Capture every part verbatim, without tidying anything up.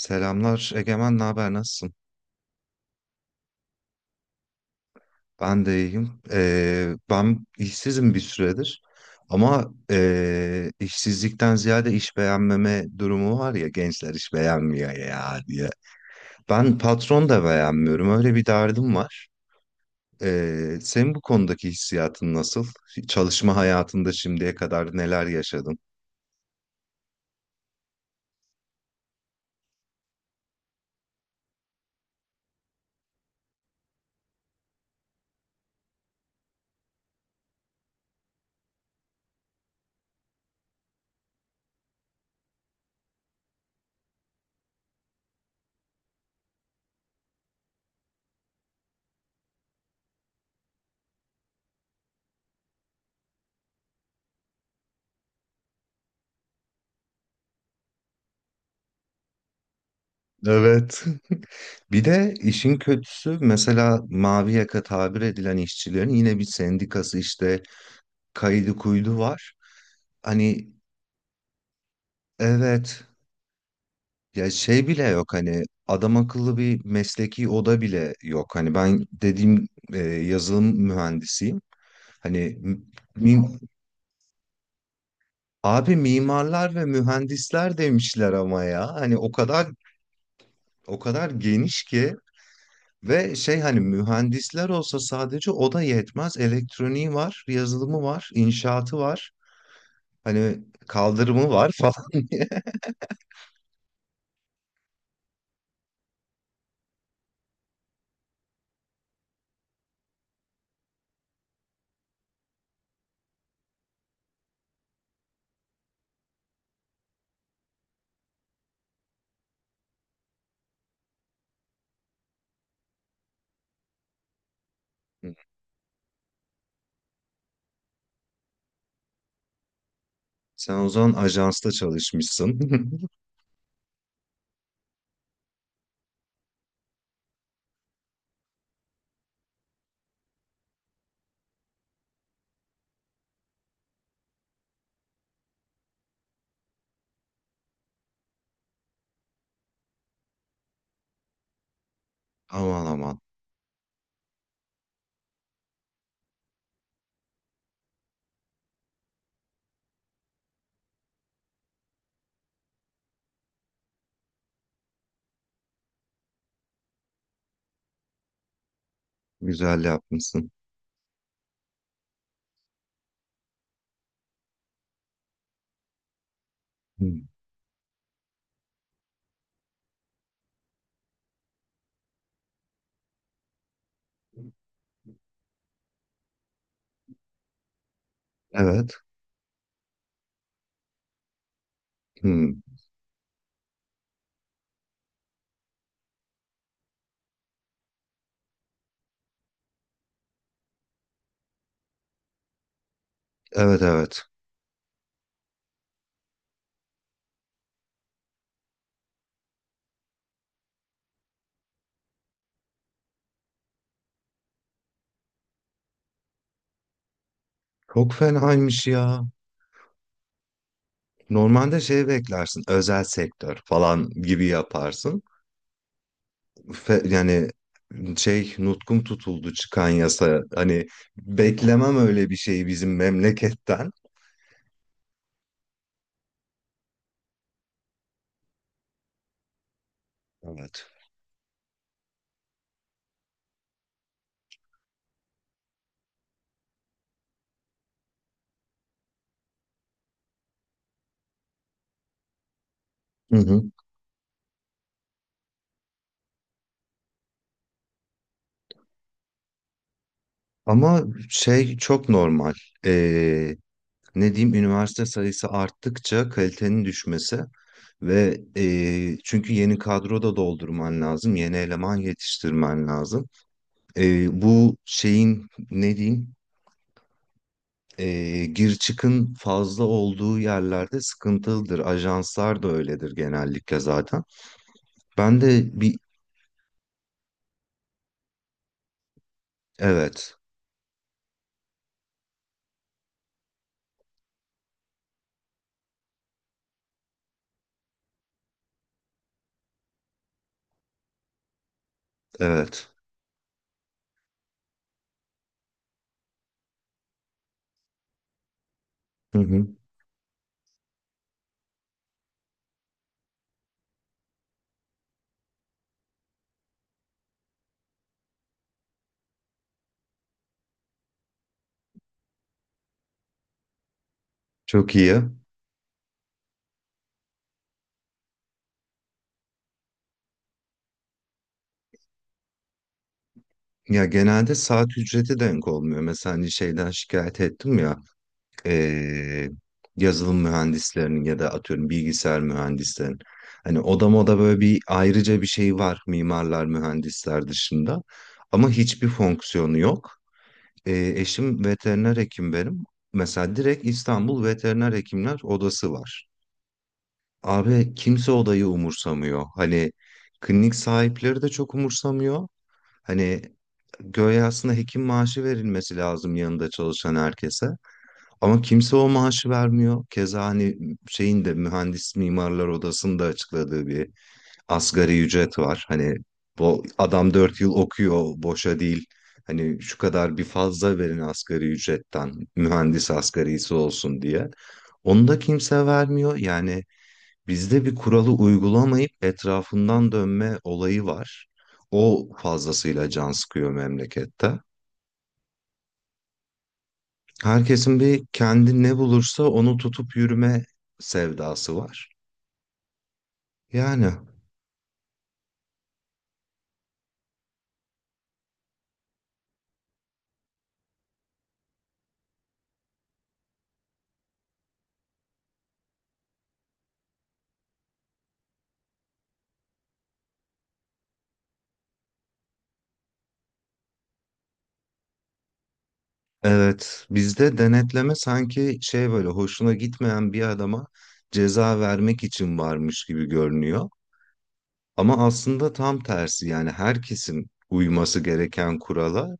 Selamlar Egemen, ne haber, nasılsın? Ben de iyiyim. Ee, ben işsizim bir süredir ama ee, işsizlikten ziyade iş beğenmeme durumu var ya gençler iş beğenmiyor ya diye. Ben patron da beğenmiyorum, öyle bir derdim var. Ee, senin bu konudaki hissiyatın nasıl? Çalışma hayatında şimdiye kadar neler yaşadın? Evet. Bir de işin kötüsü mesela mavi yaka tabir edilen işçilerin yine bir sendikası işte kaydı kuydu var. Hani evet, ya şey bile yok, hani adam akıllı bir mesleki oda bile yok. Hani ben dediğim e, yazılım mühendisiyim. Hani m- mi- abi mimarlar ve mühendisler demişler ama ya. Hani o kadar o kadar geniş ki ve şey hani mühendisler olsa sadece o da yetmez. Elektroniği var, yazılımı var, inşaatı var. Hani kaldırımı var falan. Sen o zaman ajansta çalışmışsın. Aman aman. Güzel yapmışsın. Hmm. Evet. Hmm. Evet, evet. Çok fenaymış ya. Normalde şey beklersin. Özel sektör falan gibi yaparsın. Fe- yani şey nutkum tutuldu çıkan yasa. Hani beklemem öyle bir şeyi bizim memleketten. Evet. Hı hı. Ama şey çok normal. Ee, ne diyeyim, üniversite sayısı arttıkça kalitenin düşmesi ve e, çünkü yeni kadro da doldurman lazım, yeni eleman yetiştirmen lazım. E, bu şeyin, ne diyeyim, e, gir çıkın fazla olduğu yerlerde sıkıntılıdır. Ajanslar da öyledir genellikle zaten. Ben de bir evet, evet, hı hı, çok iyi. Ya genelde saat ücreti denk olmuyor. Mesela hani şeyden şikayet ettim ya. eee, Yazılım mühendislerinin ya da atıyorum bilgisayar mühendislerinin. Hani oda moda böyle bir ayrıca bir şey var mimarlar mühendisler dışında ama hiçbir fonksiyonu yok. Eee, eşim veteriner hekim benim. Mesela direkt İstanbul Veteriner Hekimler Odası var. Abi kimse odayı umursamıyor. Hani klinik sahipleri de çok umursamıyor. Hani göğe aslında hekim maaşı verilmesi lazım yanında çalışan herkese. Ama kimse o maaşı vermiyor. Keza hani şeyin de mühendis mimarlar odasında açıkladığı bir asgari ücret var. Hani bu adam dört yıl okuyor boşa değil. Hani şu kadar bir fazla verin asgari ücretten mühendis asgarisi olsun diye. Onu da kimse vermiyor. Yani bizde bir kuralı uygulamayıp etrafından dönme olayı var. O fazlasıyla can sıkıyor memlekette. Herkesin bir kendi ne bulursa onu tutup yürüme sevdası var. Yani evet, bizde denetleme sanki şey böyle hoşuna gitmeyen bir adama ceza vermek için varmış gibi görünüyor. Ama aslında tam tersi, yani herkesin uyması gereken kurala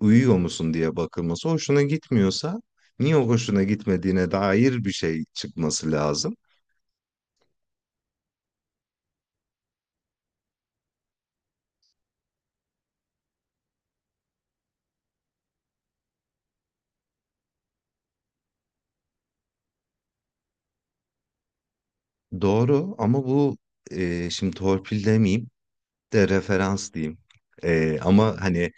uyuyor musun diye bakılması hoşuna gitmiyorsa niye o hoşuna gitmediğine dair bir şey çıkması lazım. Doğru ama bu, e, şimdi torpil demeyeyim de referans diyeyim. Ee, ama hani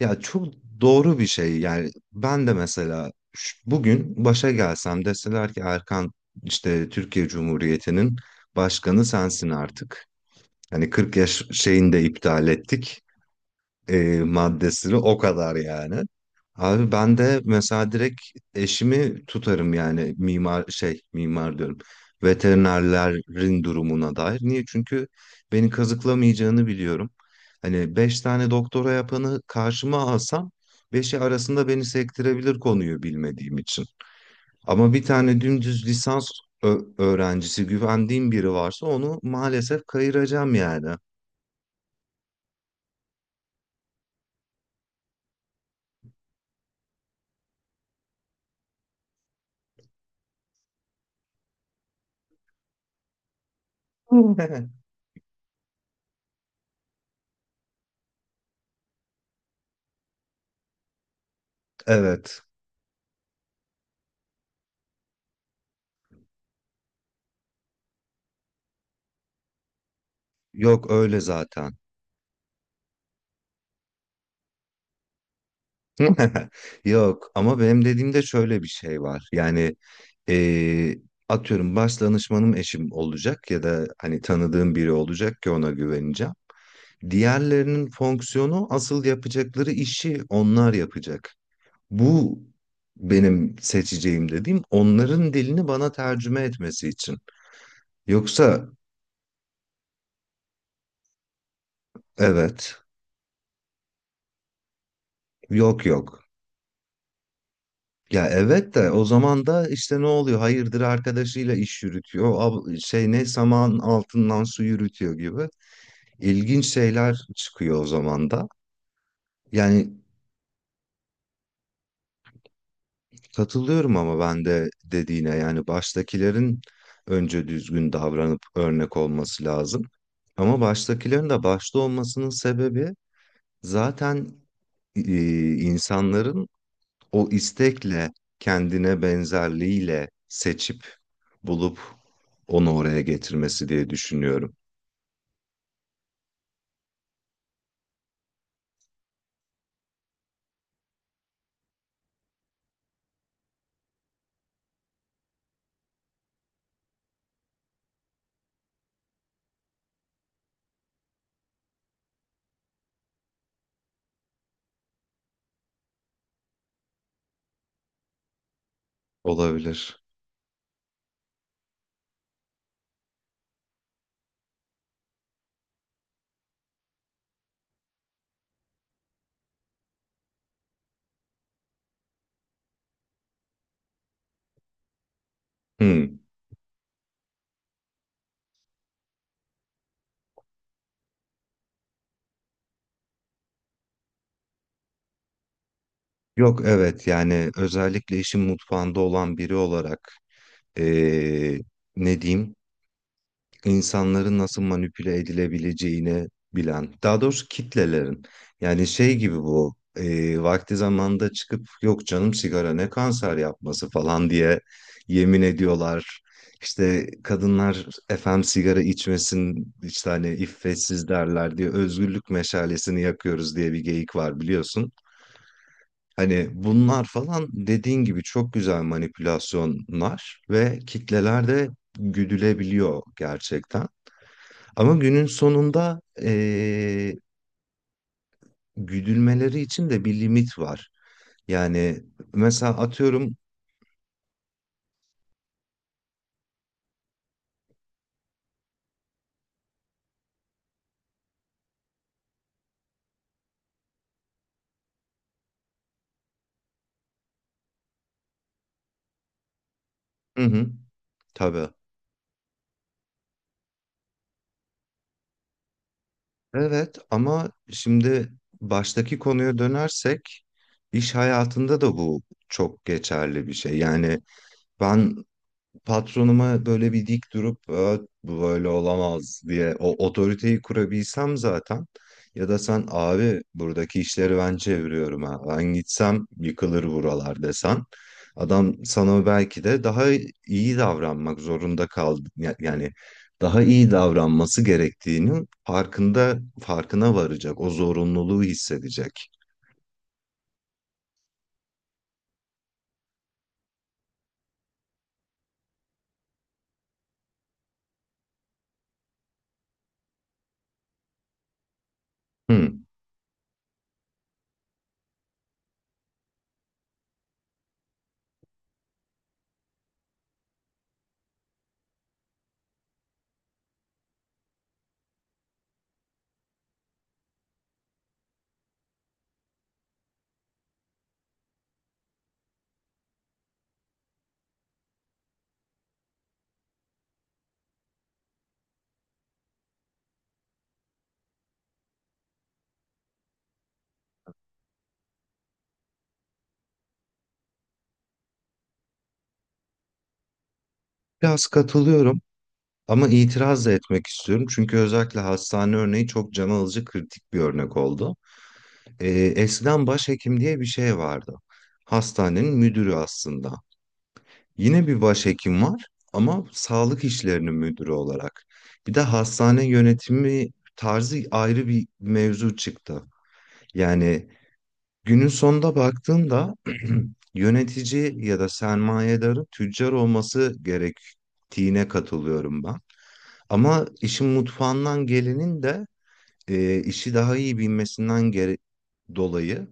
ya, çok doğru bir şey yani. Ben de mesela, ş- bugün başa gelsem deseler ki Erkan, işte Türkiye Cumhuriyeti'nin başkanı sensin artık. Hani kırk yaş şeyini de iptal ettik, e, maddesini, o kadar yani. Abi ben de mesela direkt eşimi tutarım yani mimar şey mimar diyorum. Veterinerlerin durumuna dair. Niye? Çünkü beni kazıklamayacağını biliyorum. Hani beş tane doktora yapanı karşıma alsam beşi arasında beni sektirebilir konuyu bilmediğim için. Ama bir tane dümdüz lisans ö- öğrencisi, güvendiğim biri varsa onu maalesef kayıracağım yani. Evet. Yok öyle zaten. Yok ama benim dediğimde şöyle bir şey var. Yani eee, atıyorum, baş danışmanım eşim olacak ya da hani tanıdığım biri olacak ki ona güveneceğim. Diğerlerinin fonksiyonu, asıl yapacakları işi onlar yapacak. Bu benim seçeceğim dediğim, onların dilini bana tercüme etmesi için. Yoksa evet, yok yok. Ya evet, de o zaman da işte ne oluyor? Hayırdır, arkadaşıyla iş yürütüyor. Ab- şey ne saman altından su yürütüyor gibi. İlginç şeyler çıkıyor o zaman da. Yani katılıyorum ama ben de dediğine, yani baştakilerin önce düzgün davranıp örnek olması lazım. Ama baştakilerin de başta olmasının sebebi zaten e, insanların o istekle, kendine benzerliğiyle seçip bulup onu oraya getirmesi diye düşünüyorum. Olabilir. Hmm. Yok, evet, yani özellikle işin mutfağında olan biri olarak, eee, ne diyeyim, insanların nasıl manipüle edilebileceğini bilen, daha doğrusu kitlelerin. Yani şey gibi, bu e, vakti zamanında çıkıp yok canım sigara ne kanser yapması falan diye yemin ediyorlar. İşte kadınlar efendim sigara içmesin işte hani iffetsiz derler diye özgürlük meşalesini yakıyoruz diye bir geyik var, biliyorsun. Hani bunlar falan dediğin gibi çok güzel manipülasyonlar ve kitleler de güdülebiliyor gerçekten. Ama günün sonunda eee, güdülmeleri için de bir limit var. Yani mesela atıyorum, hı hı, tabii. Evet ama şimdi baştaki konuya dönersek iş hayatında da bu çok geçerli bir şey. Yani ben patronuma böyle bir dik durup, "Aa, bu böyle olamaz" diye o otoriteyi kurabilsem zaten, ya da sen abi buradaki işleri ben çeviriyorum ha, ben gitsem yıkılır buralar desen adam sana belki de daha iyi davranmak zorunda kaldı ya- yani daha iyi davranması gerektiğinin farkında farkına varacak, o zorunluluğu hissedecek. Hı. Biraz katılıyorum. Ama itiraz da etmek istiyorum çünkü özellikle hastane örneği çok can alıcı, kritik bir örnek oldu. Ee, eskiden başhekim diye bir şey vardı. Hastanenin müdürü aslında. Yine bir başhekim var ama sağlık işlerinin müdürü olarak. Bir de hastane yönetimi tarzı ayrı bir mevzu çıktı. Yani günün sonunda baktığında yönetici ya da sermayedarın tüccar olması gerektiğine katılıyorum ben. Ama işin mutfağından gelenin de e, işi daha iyi bilmesinden gere- dolayı,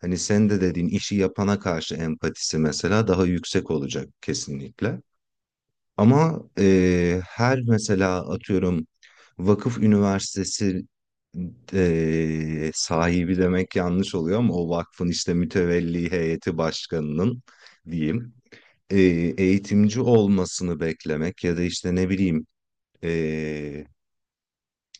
hani sen de dediğin işi yapana karşı empatisi mesela daha yüksek olacak kesinlikle. Ama eee, her, mesela atıyorum, vakıf üniversitesi eee, sahibi demek yanlış oluyor ama o vakfın işte mütevelli heyeti başkanının diyeyim, eee, eğitimci olmasını beklemek ya da işte ne bileyim, eee,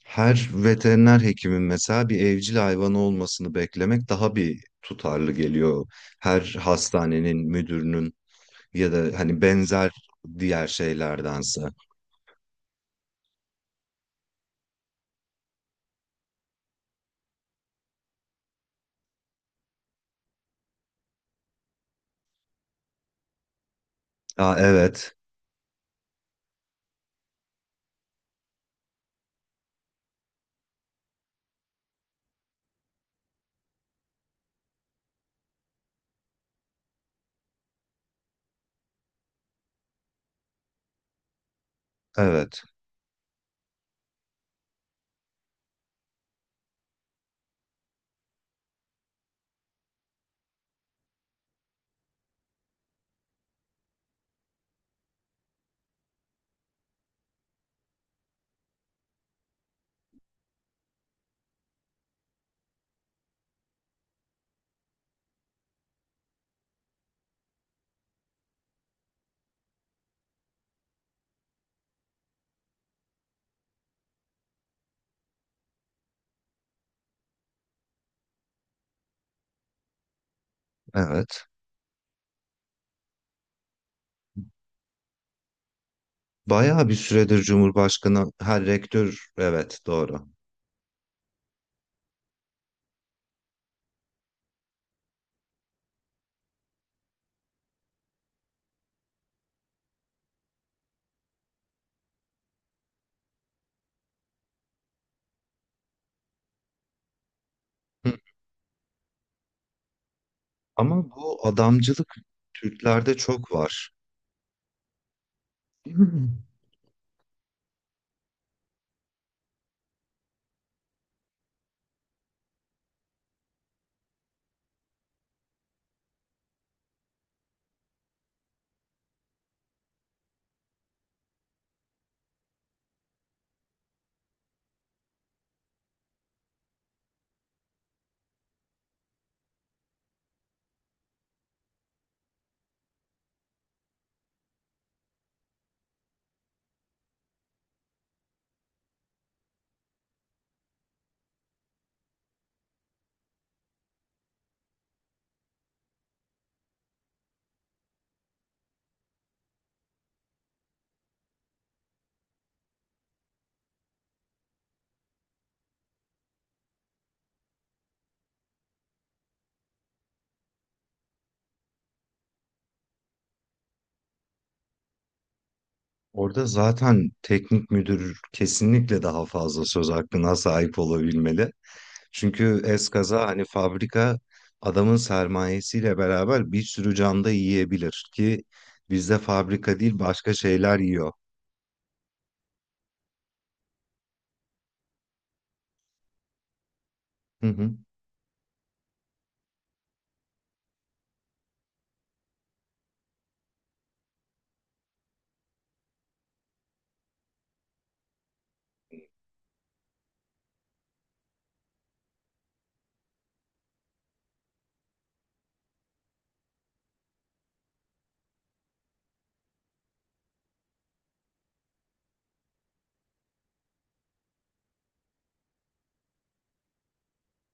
her veteriner hekimin mesela bir evcil hayvanı olmasını beklemek daha bir tutarlı geliyor. Her hastanenin müdürünün ya da hani benzer diğer şeylerdense. Ya evet, evet, evet. Bayağı bir süredir Cumhurbaşkanı her rektör, evet doğru. Hı. Ama bu adamcılık Türklerde çok var. Hı. Orada zaten teknik müdür kesinlikle daha fazla söz hakkına sahip olabilmeli. Çünkü eskaza hani fabrika adamın sermayesiyle beraber bir sürü can da yiyebilir ki bizde fabrika değil başka şeyler yiyor. Hı hı.